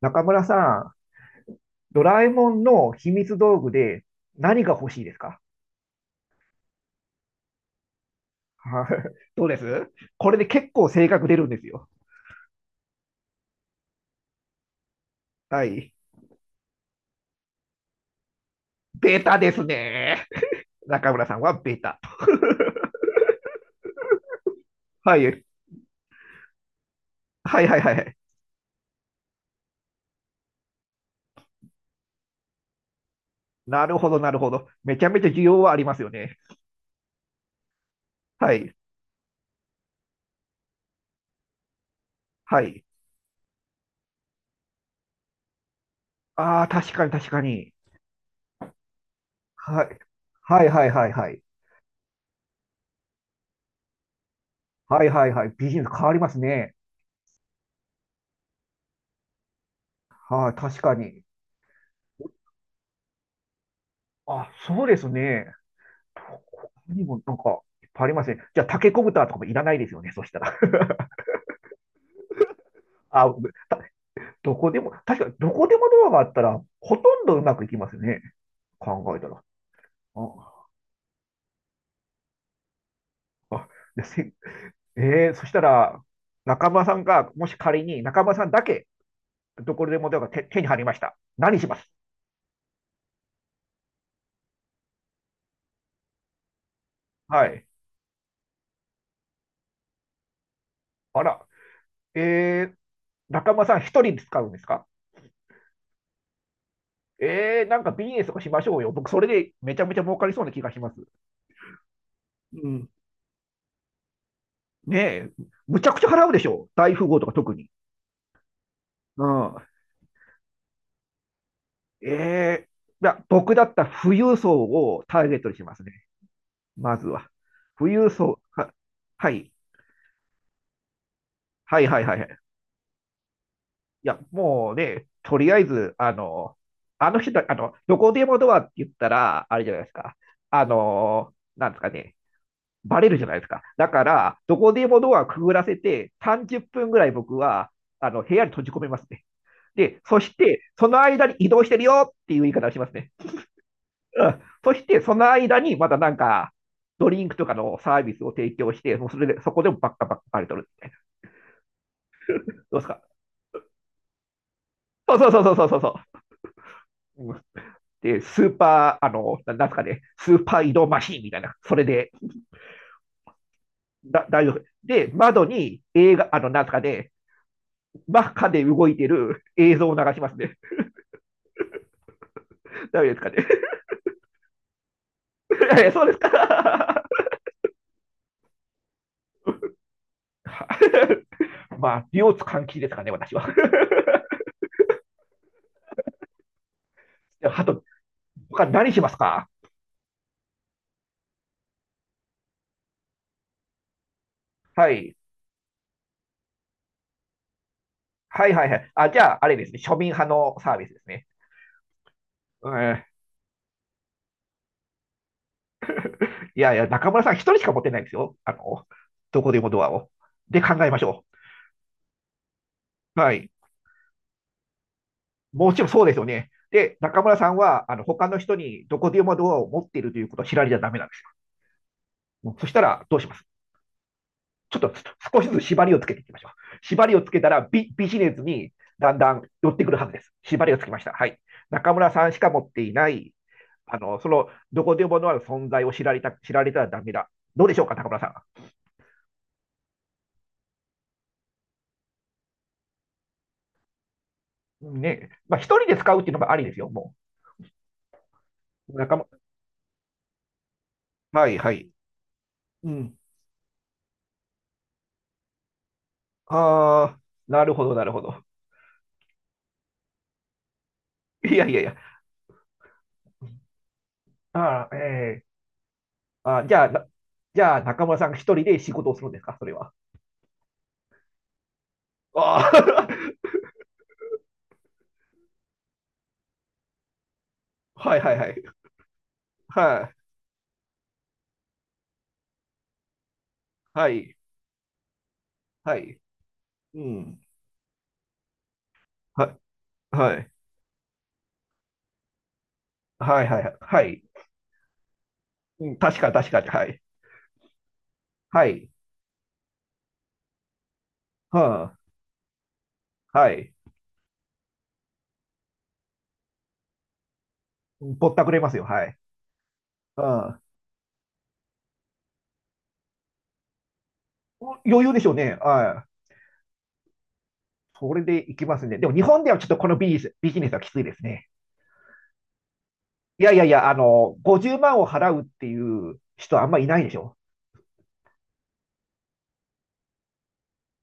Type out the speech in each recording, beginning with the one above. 中村さん、ドラえもんの秘密道具で何が欲しいですか？はい。ど うですこれで結構性格出るんですよ。はい。ベタですね。中村さんはベタ。はい。はいはいはいはい。なるほど、なるほど。めちゃめちゃ需要はありますよね。はい。はい。ああ、確かに確かに。はい。はいはいはいはい。はいはいはい。ビジネス変わりますね。はい、確かに。あ、そうですね。他にもなんか、いっぱいありますね。じゃあ、タケコブターとかもいらないですよね、そしたら。あ、どこでも、確かにどこでもドアがあったら、ほとんどうまくいきますよね。考えたら。あ、あでせえー、そしたら、中村さんが、もし仮に中村さんだけ、どこでもドアが手に入りました。何します？はい。あら、えー、中村さん一人で使うんですか？えー、なんかビジネスとかしましょうよ。僕、それでめちゃめちゃ儲かりそうな気がします。うん。ねえ、むちゃくちゃ払うでしょ。大富豪とか特に。うん。ええいや、僕だったら富裕層をターゲットにしますね。まずは。富裕層、は、はい。はいはいはいはい。いや、もうね、とりあえず、あの、あの人た、あの、どこでもドアって言ったら、あれじゃないですか。あの、なんですかね。バレるじゃないですか。だから、どこでもドアくぐらせて、30分ぐらい僕は、あの、部屋に閉じ込めますね。で、そして、その間に移動してるよっていう言い方をしますね。うん。そして、その間にまたなんか、ドリンクとかのサービスを提供して、もうそれで、そこでもばっかりとるみたいな。どうですか？そうそうそうそうそうそう。で、スーパー、あの、なんですかね、スーパー移動マシーンみたいな、それで、大丈夫。で、窓に映画、あの、なんですかね、真っ赤で動いてる映像を流しますね。大丈夫ですかね。そうですか。まあ、両津換気ですかね、私は。ハト、他何しますか？はい。はいはいはい。あ、じゃあ、あれですね。庶民派のサービスですね。うん、いやいや、中村さん一人しか持ってないんですよ。あの、どこでもドアを。で、考えましょう。はい。もちろんそうですよね。で、中村さんは、あの、他の人にどこでもドアを持っているということを知られちゃダメなんですよ。そしたら、どうします？ちょっと少しずつ縛りをつけていきましょう。縛りをつけたらビジネスにだんだん寄ってくるはずです。縛りをつけました。はい。中村さんしか持っていない、あの、その、どこでものある存在を知られたらダメだ。どうでしょうか、中村さん。ね。まあ、一人で使うっていうのもありですよ、もう。中村、はいはい。うん。ああ、なるほど、なるほど。いやいやいや。ああ、ええー、あーじゃあ、じゃあ、中村さんが一人で仕事をするんですか、それは。ああ、はいはいはい。はい、はい。はい。うん。は、はい。はい、はい、はい。うん、確か、確かに。はい。はい。はあ、はい。ぼったくれますよ。はい。うん。余裕でしょうね。はい。それでいきますね。でも、日本ではちょっとこのビジネス、ビジネスはきついですね。いやいやいや、あの、50万を払うっていう人はあんまいないでしょ。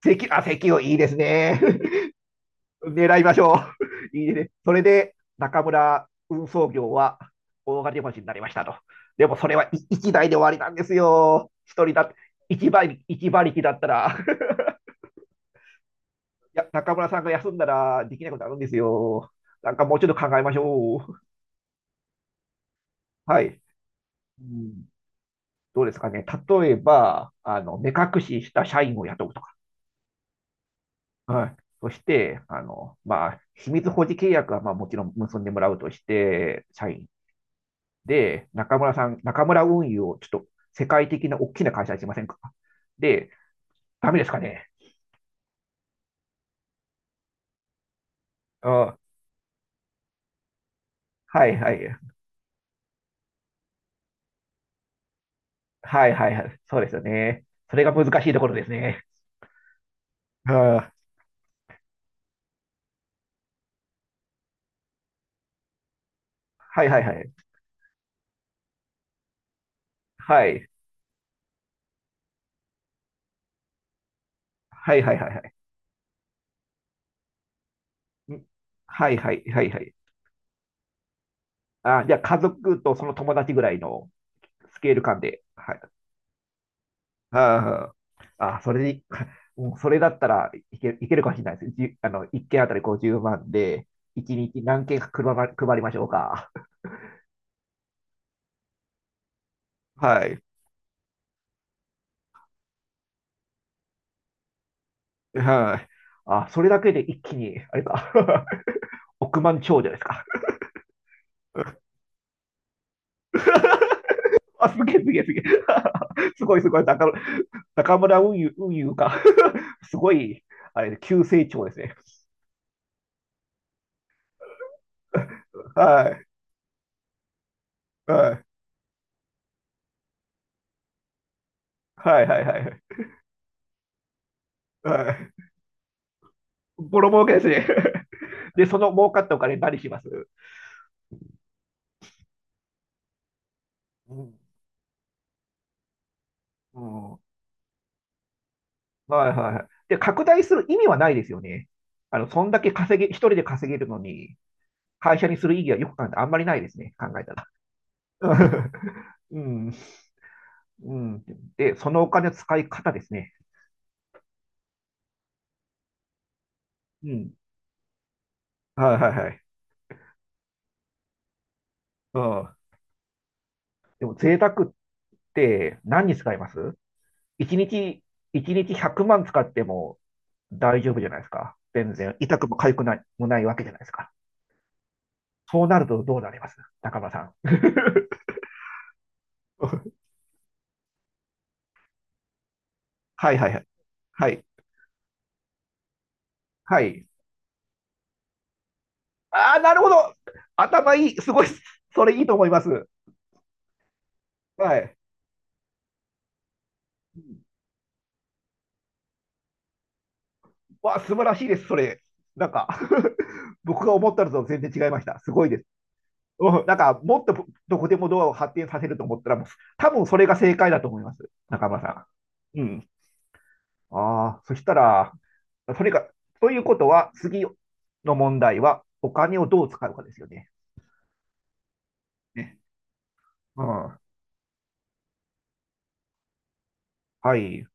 席をいいですね。狙いましょう。いいね。それで、中村運送業は大金持ちになりましたと。でもそれは1台で終わりなんですよ。一人だって、1馬力一馬力だったら。 いや、中村さんが休んだらできないことあるんですよ。なんかもうちょっと考えましょう。はい。うん、どうですかね。例えば、あの、目隠しした社員を雇うとか。はい。そして、あの、まあ、秘密保持契約は、まあ、もちろん結んでもらうとして、社員で、中村運輸をちょっと世界的な大きな会社にしませんか？で、ダメですかね？あ、はいはいはいはいはい。そうですよね。それが難しいところですね。あ、はいはいはいはい。はいはいはいはい、はいはいはいはい。あ、じゃあ家族とその友達ぐらいのスケール感で。はい。ああ、それに、うん、それだったらいけるかもしれないです。じゅあの、1件あたり50万で、1日何件配りましょうか。はい。はい。あ、それだけで一気に、あれか、億万長者ですか。あ、すげえすげえすげえ。すごいすごい。中村運輸、運輸か。すごい、あれ、急成長ですね。はい。はい。はいはいはい。はい。ボロ儲けですね。で、その儲かったお金何します？うん。うん。はいはいはい。で、拡大する意味はないですよね。あの、そんだけ稼げ、一人で稼げるのに、会社にする意義はよく考えたらあんまりないですね。考えたら。うん、うん。で、そのお金の使い方ですね。うん。はいはいはい。うん。でも、贅沢って何に使います？ 1 日、一日100万使っても大丈夫じゃないですか。全然、痛くも痒くないもないわけじゃないですか。そうなるとどうなります、中間さん？はいはいはい。はい。はい。ああ、なるほど。頭いい。すごい。それいいと思います。はい。わあ、素晴らしいです、それ。なんか 僕が思ったのと全然違いました。すごいです。うん、なんか、もっとどこでもドアを発展させると思ったら、もう多分それが正解だと思います、中村さん。うん。ああ、そしたら、それが、ということは、次の問題は、お金をどう使うかですよね。ね。うん。はい。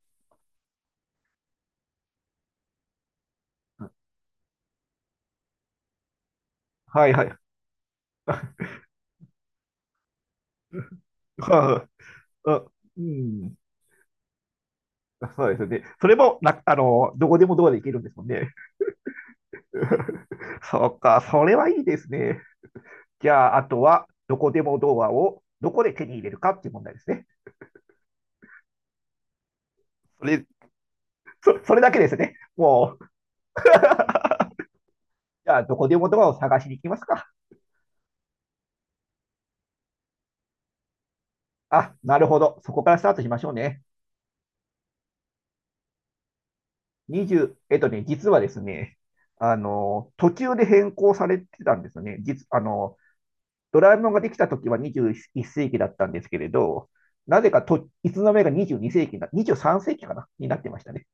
はいはい。うん。うん、そうですよね。それもな、あの、どこでもドアで行けるんですもんね。そっか、それはいいですね。じゃあ、あとは、どこでもドアをどこで手に入れるかっていう問題ですね。それ、それだけですね。もう、じゃあ、どこでもドアを探しに行きますか。あ、なるほど。そこからスタートしましょうね。20、えっとね、実はですね、あの、途中で変更されてたんですよね。あの、ドラえもんができた時は21世紀だったんですけれど、なぜかと、いつの間にか22世紀な、23世紀かなになってましたね。